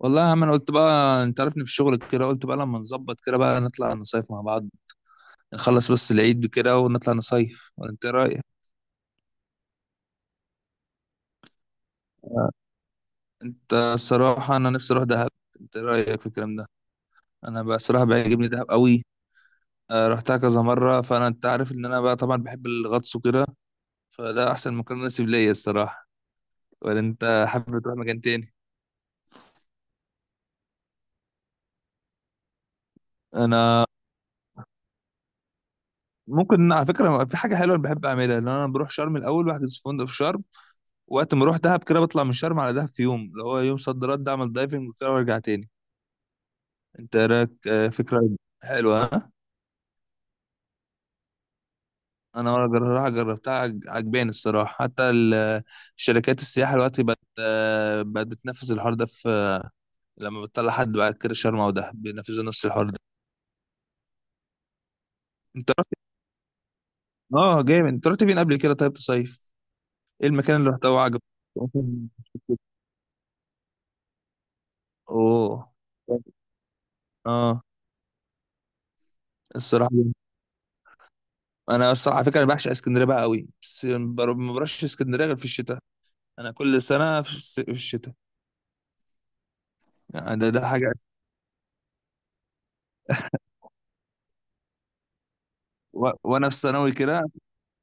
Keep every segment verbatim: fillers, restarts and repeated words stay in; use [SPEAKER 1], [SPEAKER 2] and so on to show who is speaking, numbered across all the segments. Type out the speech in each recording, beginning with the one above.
[SPEAKER 1] والله يا عم، انا قلت بقى، انت عارفني في الشغل كده. قلت بقى لما نظبط كده بقى نطلع نصيف مع بعض. نخلص بس العيد كده ونطلع نصيف ولا انت إيه رايك؟ انت الصراحه انا نفسي اروح دهب. انت إيه رايك في الكلام ده؟ انا بقى الصراحه بيعجبني دهب قوي. آه، رحتها كذا مره، فانا انت عارف ان انا بقى طبعا بحب الغطس وكده. فده احسن مكان مناسب ليا الصراحه. ولا انت حابب تروح مكان تاني؟ انا ممكن على فكره في حاجه حلوه انا بحب اعملها، ان انا بروح شرم الاول بحجز في فندق في شرم. وقت ما اروح دهب كده بطلع من شرم على دهب في يوم، اللي هو يوم صد رد، اعمل دايفنج وكده وارجع تاني. انت إيه رايك؟ آه، فكره حلوه، ها؟ انا ولا جر- راح جربتها، عج- عجباني الصراحه، حتى ال- الشركات السياحه دلوقتي بقت آه، بقت بتنفذ الحوار ده في. لما بتطلع حد بعد كده شرم او دهب بينفذوا نفس الحوار ده. انت رحت. اه جامد، انت رحت فين قبل كده طيب تصيف؟ ايه المكان اللي رحته وعجبك؟ اوه. اه. الصراحه، انا الصراحه على فكره انا بعشق اسكندريه بقى قوي، بس بر- ما بروحش اسكندريه غير في الشتاء. انا كل سنه في الس- في الشتاء. يعني ده, ده حاجه. و... وانا في ثانوي كده،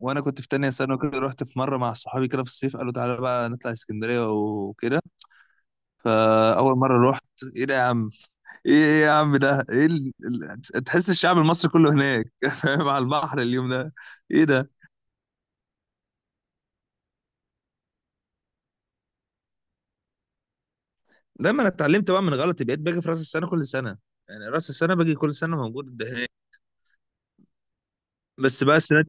[SPEAKER 1] وانا كنت في تانية ثانوي كده، رحت في مره مع صحابي كده في الصيف قالوا تعالى بقى نطلع اسكندريه وكده. فاول مره رحت، ايه ده يا عم، ايه إيه يا عم، ده ايه ال... ال... تحس الشعب المصري كله هناك؟ فاهم؟ على البحر اليوم ده، ايه ده؟ لما انا اتعلمت بقى من غلطي، بقيت باجي في راس السنه كل سنه. يعني راس السنه باجي كل سنه موجود ده هناك. بس بقى السنة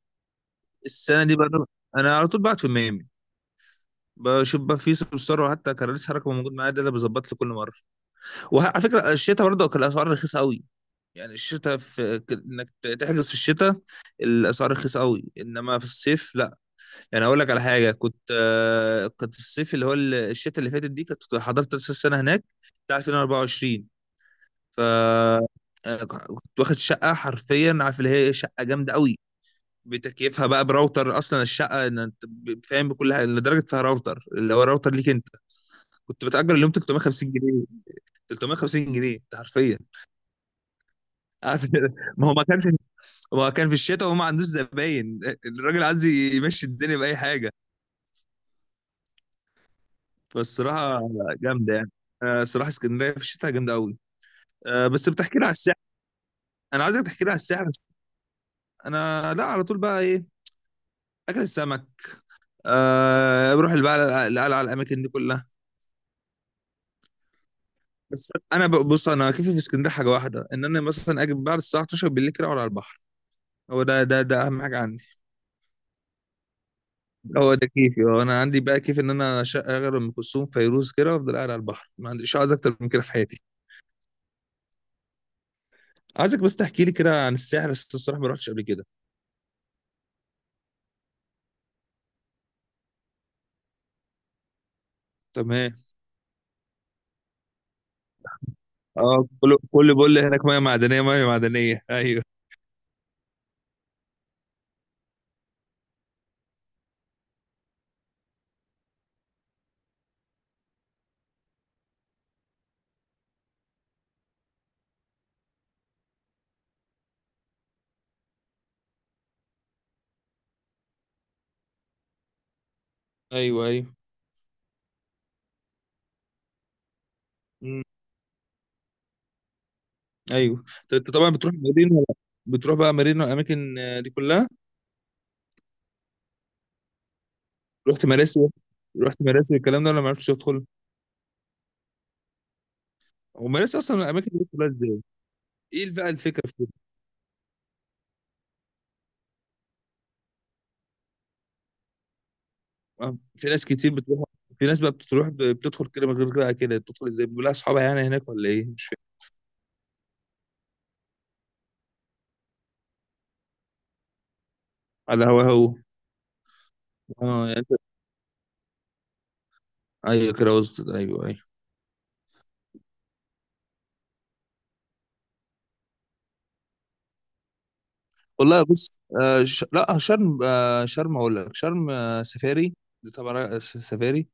[SPEAKER 1] السنه دي بقى، انا على طول بعت في ميامي. بشوف بقى في سمسار حتى كراريس حركه موجود معايا، ده اللي بيظبط لي كل مره. وعلى فكره الشتاء برضه كان الاسعار رخيصه قوي. يعني الشتاء في ك- انك ت- تحجز في الشتاء الاسعار رخيصه قوي، انما في الصيف لا. يعني اقول لك على حاجه، كنت آه، كنت الصيف اللي هو ال- الشتاء اللي فاتت دي كنت حضرت نفس السنه هناك، بتاع ألفين واربعه وعشرين. ف آه، كنت واخد شقه، حرفيا عارف اللي هي إيه، شقه جامده قوي. بتكييفها بقى براوتر، اصلا الشقه إن انت ب- فاهم بكل حاجه، لدرجه فيها راوتر اللي هو راوتر ليك انت. كنت بتأجر اليوم ثلاثمائه وخمسين جنيه. ثلاثمائه وخمسين جنيه ده حرفيا. عارف؟ ما هو ما كان في ما هو كان في الشتاء وما عندوش زباين. الراجل عايز يمشي الدنيا بأي حاجه. فالصراحه جامده يعني. آه، الصراحه اسكندريه في الشتاء جامده قوي. آه، بس بتحكي لي على الساحل. انا عايزك تحكي لي على الساحل. انا، لا، على طول بقى ايه، اكل السمك. أه بروح بقى القلعه، الاماكن دي كلها. بس انا ب- بص، انا كيفي في اسكندريه حاجه واحده، ان انا مثلا اجي بعد الساعه اثنا عشر بالليل كده اقعد على البحر. هو ده ده ده اهم حاجه عندي. هو ده كيفي، هو انا عندي بقى كيف ان انا اشغل ام كلثوم فيروز كده وافضل قاعد على البحر. ما عنديش عايز اكتر من كده في حياتي. عايزك بس تحكي لي كده عن الساحل، بس الصراحه ما رحتش قبل كده. تمام. اه، كله كله بيقول لي هناك ميه معدنيه، ميه معدنيه. ايوه، ايوه، ايوه. مم. ايوه، طب انت طبعا بتروح مارينا ولا؟ بتروح بقى مارينا والاماكن آه، دي كلها؟ رحت مراسي؟ رحت مراسي الكلام ده ولا ما عرفتش تدخل؟ هم لسه اصلا الاماكن دي كلها ازاي؟ ايه بقى الفكره في كده؟ آه، في ناس كتير بتروح. في ناس بقى بتروح ب- بتدخل كده من غير كده كده، بتدخل ازاي؟ بيبقى لها اصحابها يعني هناك ولا ايه؟ مش فاهم. على هو هو. اه، يعني أنت- ايوه كده وسط. ايوه، ايوه. والله بص، آه ش... لا شرم. آه شرم اقول لك. شرم آه سفاري. دي طبعا آه، س- سفاري.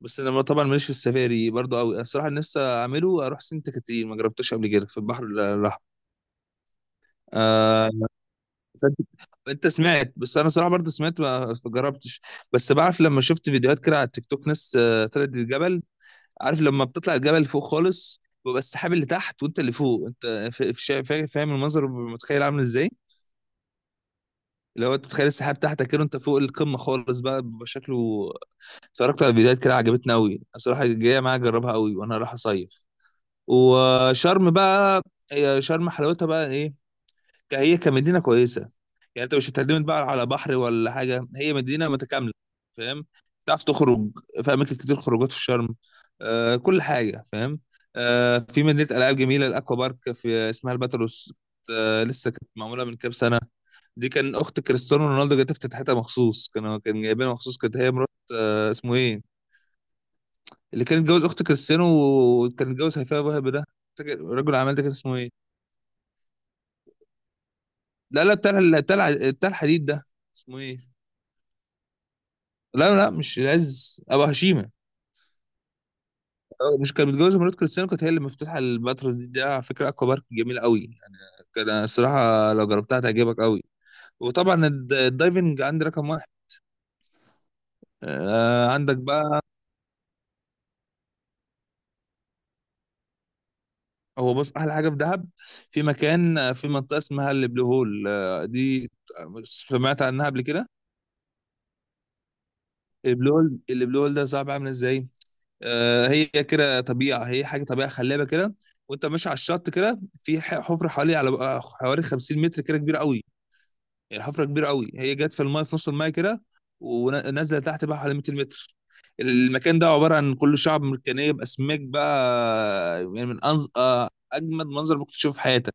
[SPEAKER 1] بس انا طبعا ماليش في السفاري برضو قوي الصراحه. أنا لسه اعمله، اروح سنت كتير ما جربتش قبل كده في البحر ال- الاحمر. آه فانت. انت سمعت، بس انا صراحه برضه سمعت ما جربتش. بس بعرف، لما شفت فيديوهات كده على التيك توك ناس آه، طلعت الجبل. عارف لما بتطلع الجبل فوق خالص بيبقى السحاب اللي تحت وانت اللي فوق. انت فا- فا- فا- فاهم المنظر متخيل عامل ازاي؟ اللي هو انت بتخيل السحاب تحتك كده وانت فوق القمه خالص بقى، بيبقى شكله. اتفرجت على فيديوهات كده عجبتني قوي الصراحه، جايه معايا اجربها قوي وانا رايح اصيف. وشرم بقى، هي شرم حلاوتها بقى ايه، هي كمدينه كويسه. يعني انت مش هتعتمد بقى على بحر ولا حاجه، هي مدينه متكامله. فاهم، تعرف تخرج، في اماكن كتير خروجات في شرم. آه كل حاجه فاهم. آه في مدينه العاب جميله، الاكوا بارك، في اسمها الباتروس. آه لسه كانت معموله من كام سنه. دي كان اخت كريستيانو رونالدو جت افتتحتها مخصوص، كانوا كان جايبينها مخصوص، كانت هي مرات. آه اسمه ايه اللي كان اتجوز اخت كريستيانو، وكان اتجوز هيفاء وهبي ده؟ فاكر رجل الاعمال ده كان اسمه ايه؟ لا، لا، بتاع بتاع بتاع الحديد ده، اسمه ايه؟ لا، لا، مش العز، ابو هشيمه. مش كانت متجوزه مرات كريستيانو؟ كانت هي اللي مفتوحه البتراء دي. ده على فكره اكوا بارك جميله قوي يعني. كان الصراحه لو جربتها تعجبك قوي. وطبعا الد- الدايفنج عندي رقم واحد. آه، عندك بقى. هو بص، احلى حاجه في دهب، في مكان آه، في منطقه اسمها البلو هول. آه دي سمعت عنها قبل كده؟ البلو هول البلو هول ده صعب عامل ازاي؟ آه هي كده طبيعه، هي حاجه طبيعه خلابه كده. وانت ماشي على الشط كده في ح- حفره حوالي على آه، حوالي خمسين متر كده، كبيره قوي. الحفره كبيره قوي. هي جت في المايه في نص المايه كده، ونزلت تحت بقى حوالي مائتين متر. المكان ده عباره عن كل شعب مرجانيه باسماك بقى يعني، من أنز... آه، اجمد منظر ممكن تشوفه في حياتك.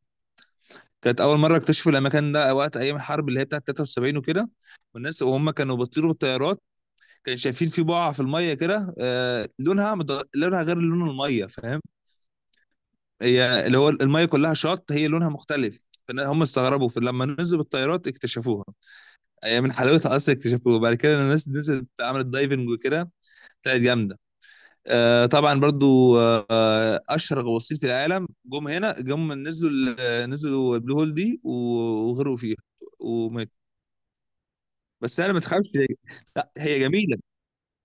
[SPEAKER 1] كانت اول مره اكتشفوا المكان ده وقت ايام الحرب اللي هي بتاعت تلاته وسبعين وكده. والناس وهم كانوا بيطيروا بالطيارات كانوا شايفين في بقعه في الميه كده، آه، لونها مد... لونها غير لون الميه، فاهم؟ هي اللي هو الميه كلها شط، هي لونها مختلف. فهم استغربوا فلما نزلوا بالطيارات اكتشفوها. هي من حلاوتها اصلا اكتشفوه، وبعد كده لما الناس نزلت عملت دايفنج وكده طلعت جامده. آه طبعا برضو، آه آه، اشهر غواصين في العالم جم هنا، جم نزلوا ال- نزلوا البلو هول دي، و- وغرقوا فيها وماتوا. بس انا، ما تخافش. هي- لا هي جميله.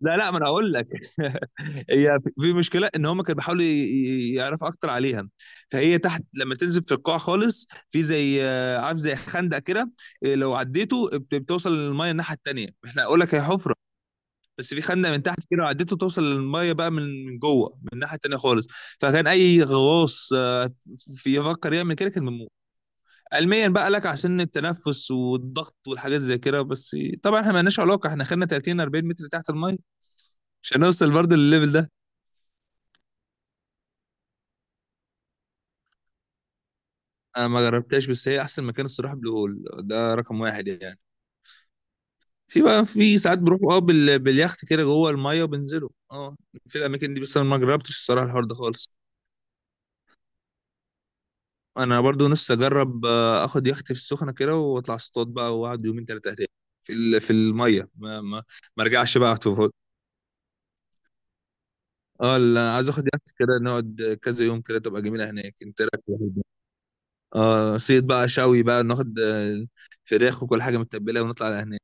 [SPEAKER 1] لا، لا، ما انا هقول لك. هي في في مشكله ان هم كانوا بيحاولوا ي- ي- يعرفوا اكتر عليها. فهي تحت لما تنزل في القاع خالص، في زي آه، عارف، زي خندق كده. آه، لو عديته بت- بتوصل للميه الناحيه التانيه. احنا اقول لك هي حفره. بس في خندق من تحت كده، وعدته توصل للميه بقى من من جوه من الناحيه التانيه خالص. فكان اي غواص آه، في يفكر يعمل كده كان بيموت. علميا بقى لك، عشان التنفس والضغط والحاجات زي كده بس. طبعا احنا مالناش علاقه. احنا خدنا تلاتين اربعين متر تحت الميه عشان نوصل برضه للليفل ده. انا ما جربتهاش، بس هي احسن مكان الصراحه، بلو هول ده رقم واحد يعني. في بقى في ساعات بروح اه بال- باليخت كده جوه الميه وبنزله اه في الاماكن دي. بس انا ما جربتش الصراحه الحوار ده خالص. انا برضو نفسي اجرب آه، اخد يخت في السخنه كده، واطلع اصطاد بقى واقعد يومين ثلاثه هناك. في ال- في الميه. ما ما, ما ارجعش بقى أقعد في. اه، لا، عايز اخد يخت كده، نقعد كذا يوم كده تبقى جميله هناك. انت إيه رايك في الحوار ده؟ اه، صيد بقى شوي بقى، ناخد آه، فراخ وكل حاجه متبله ونطلع على هناك.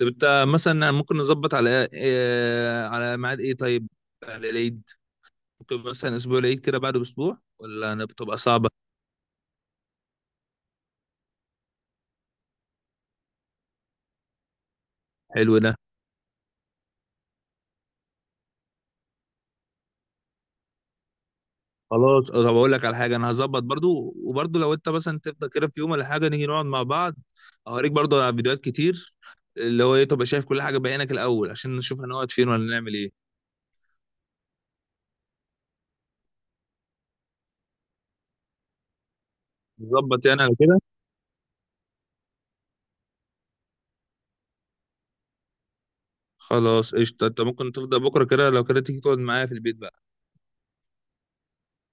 [SPEAKER 1] طب انت مثلا ممكن نظبط على إيه، آه، على ميعاد ايه طيب، على العيد. ممكن مثلا اسبوع العيد كده بعده باسبوع، ولا أنا بتبقى صعبه. حلو ده. خلاص آه، طب اقول لك على حاجه، انا هظبط برضو. وبرضو لو انت مثلا تفضل كده في يوم ولا حاجه نيجي نقعد مع بعض. اوريك برضو على فيديوهات كتير، اللي هو ايه تبقى شايف كل حاجه بعينك الاول، عشان نشوف هنقعد فين ولا نعمل ايه. نظبط يعني على كده. خلاص قشطه. انت ممكن تفضل بكره كده، لو كده تيجي تقعد معايا في البيت بقى.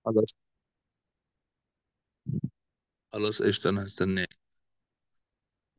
[SPEAKER 1] خلاص. خلاص قشطه، انا هستناك